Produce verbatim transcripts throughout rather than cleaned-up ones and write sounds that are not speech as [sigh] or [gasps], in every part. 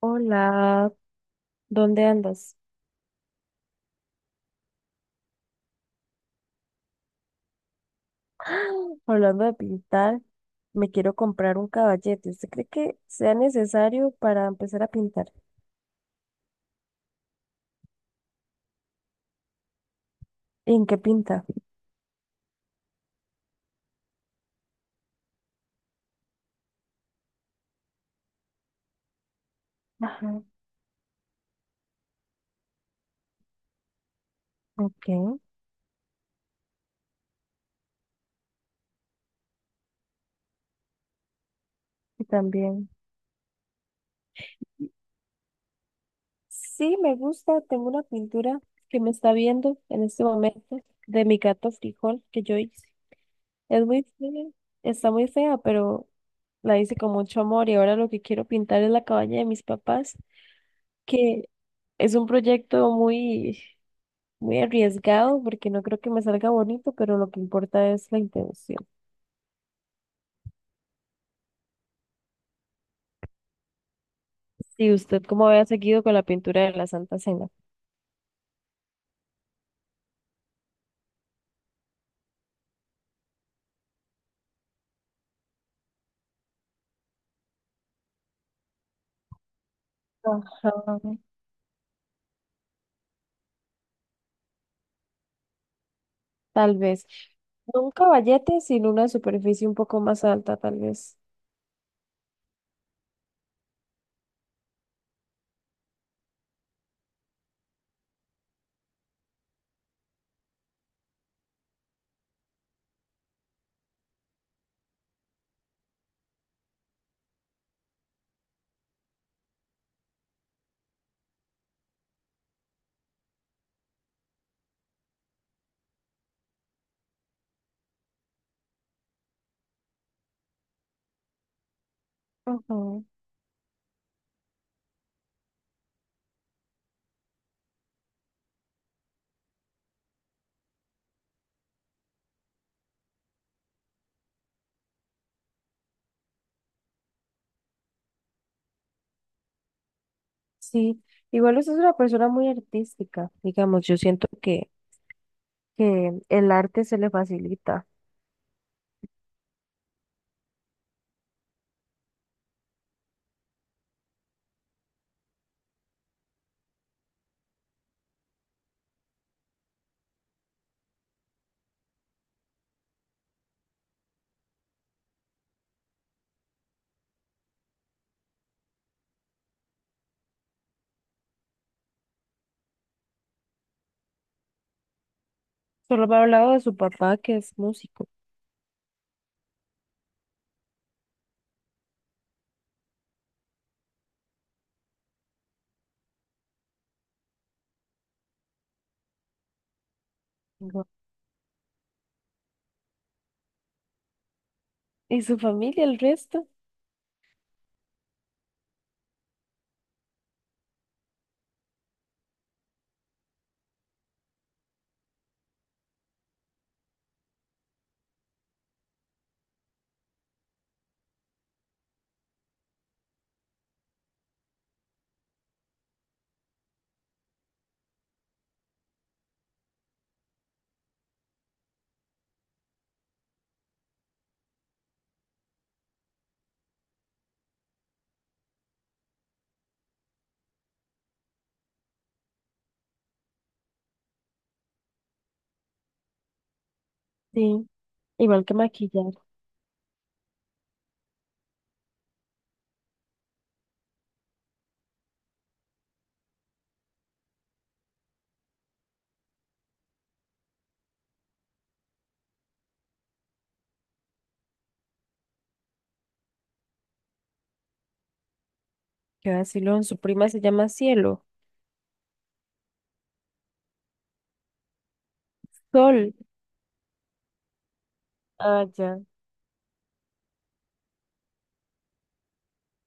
Hola, ¿dónde andas? [gasps] ¡Ah! Hablando de pintar, me quiero comprar un caballete. ¿Usted cree que sea necesario para empezar a pintar? ¿En qué pinta? Ajá. Ok, y también. Sí, me gusta. Tengo una pintura que me está viendo en este momento de mi gato frijol que yo hice. Es muy fea, está muy fea, pero la hice con mucho amor y ahora lo que quiero pintar es la cabaña de mis papás, que es un proyecto muy... muy arriesgado porque no creo que me salga bonito, pero lo que importa es la intención. Si usted como había seguido con la pintura de la Santa Cena, ajá. Tal vez. No un caballete, sino una superficie un poco más alta, tal vez. Ujú. Sí, igual usted es una persona muy artística, digamos, yo siento que, que el arte se le facilita. Solo me ha hablado de su papá que es músico. Digo, ¿y su familia, el resto? Sí, igual que maquillar. ¿Qué va a decirlo? Su prima se llama Cielo. Sol. Ah, ya.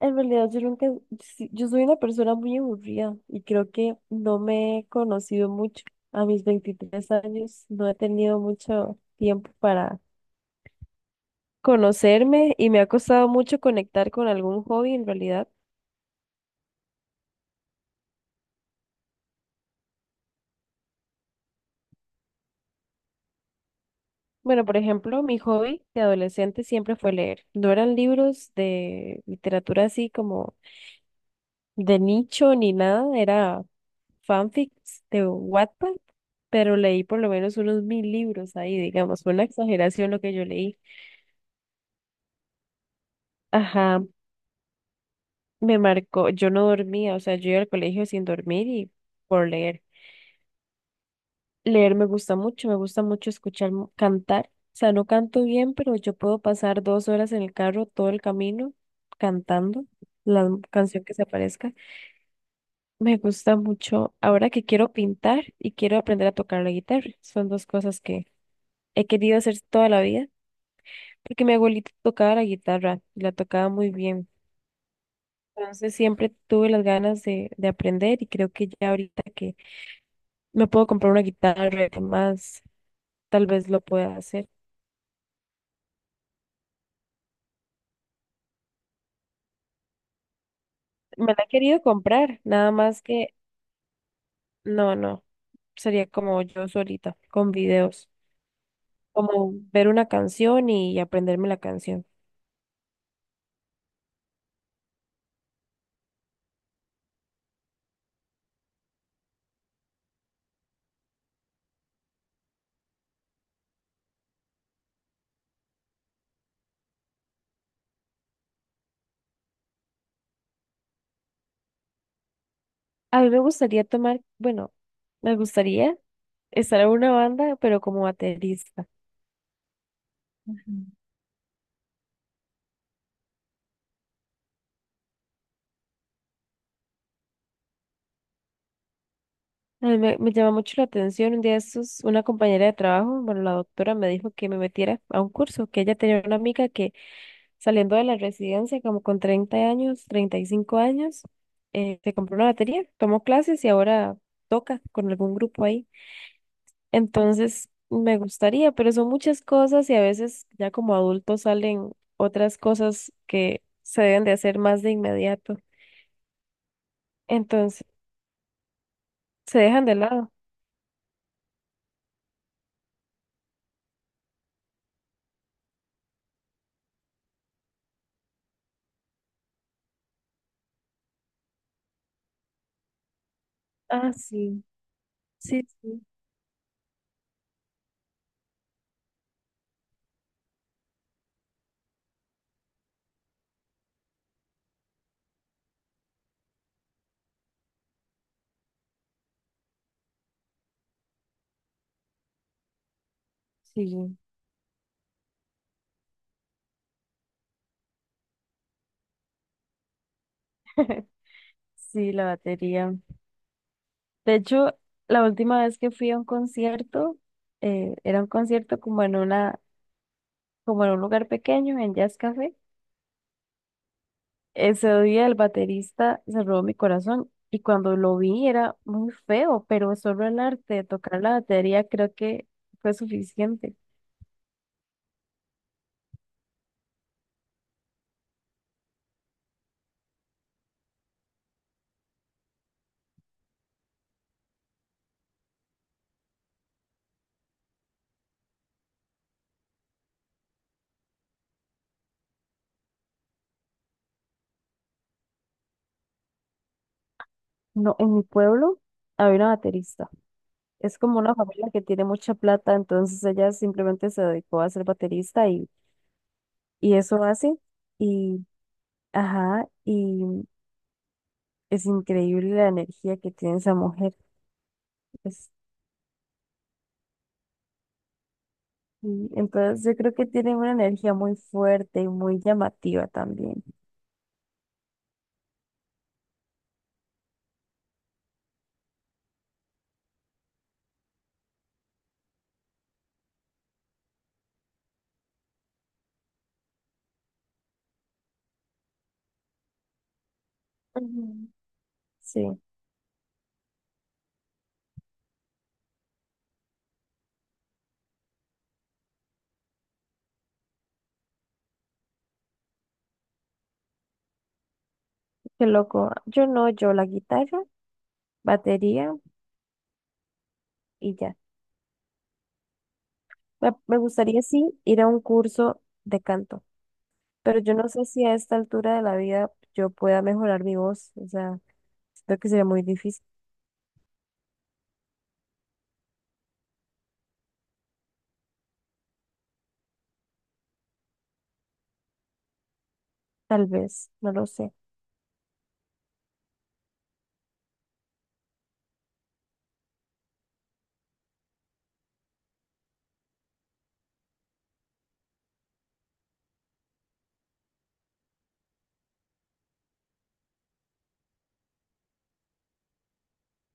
En realidad yo nunca, sí, yo soy una persona muy aburrida y creo que no me he conocido mucho. A mis veintitrés años no he tenido mucho tiempo para conocerme y me ha costado mucho conectar con algún hobby en realidad. Bueno, por ejemplo, mi hobby de adolescente siempre fue leer. No eran libros de literatura así como de nicho ni nada, era fanfics de Wattpad, pero leí por lo menos unos mil libros ahí, digamos, fue una exageración lo que yo leí. Ajá, me marcó, yo no dormía, o sea, yo iba al colegio sin dormir y por leer. Leer me gusta mucho, me gusta mucho escuchar mu- cantar, o sea, no canto bien, pero yo puedo pasar dos horas en el carro todo el camino cantando la canción que se aparezca. Me gusta mucho ahora que quiero pintar y quiero aprender a tocar la guitarra. Son dos cosas que he querido hacer toda la vida porque mi abuelita tocaba la guitarra y la tocaba muy bien. Entonces siempre tuve las ganas de, de aprender y creo que ya ahorita que me puedo comprar una guitarra y demás, tal vez lo pueda hacer. Me la he querido comprar, nada más que no, no, sería como yo solita, con videos, como ver una canción y aprenderme la canción. A mí me gustaría tomar, bueno, me gustaría estar en una banda, pero como baterista. A mí me, me llama mucho la atención. Un día estos, una compañera de trabajo, bueno, la doctora me dijo que me metiera a un curso, que ella tenía una amiga que saliendo de la residencia, como con treinta años, treinta y cinco años, eh, se compró una batería, tomó clases y ahora toca con algún grupo ahí. Entonces, me gustaría, pero son muchas cosas y a veces ya como adultos salen otras cosas que se deben de hacer más de inmediato. Entonces, se dejan de lado. Ah, sí, sí, sí, sí. [laughs] Sí, la batería. De hecho, la última vez que fui a un concierto, eh, era un concierto como en una, como en un lugar pequeño, en Jazz Café. Ese día el baterista se robó mi corazón y cuando lo vi era muy feo, pero solo el arte de tocar la batería creo que fue suficiente. No, en mi pueblo había una baterista. Es como una familia que tiene mucha plata, entonces ella simplemente se dedicó a ser baterista y, y eso hace. Y, ajá, y es increíble la energía que tiene esa mujer. Sí, entonces yo creo que tienen una energía muy fuerte y muy llamativa también. Ujú. Sí, qué loco. Yo no, yo la guitarra, batería y ya. Me, me gustaría sí ir a un curso de canto, pero yo no sé si a esta altura de la vida yo pueda mejorar mi voz. O sea, siento que sería muy difícil, tal vez, no lo sé.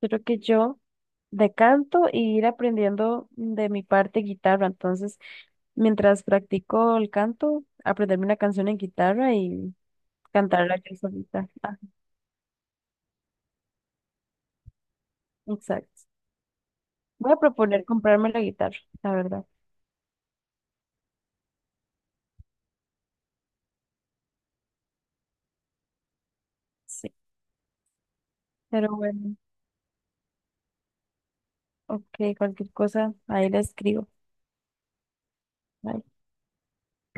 Creo que yo decanto y ir aprendiendo de mi parte guitarra. Entonces, mientras practico el canto, aprenderme una canción en guitarra y cantarla yo solita. Ah, exacto. Voy a proponer comprarme la guitarra, la verdad. Sí. Pero bueno, ok, cualquier cosa, ahí la escribo. Bye.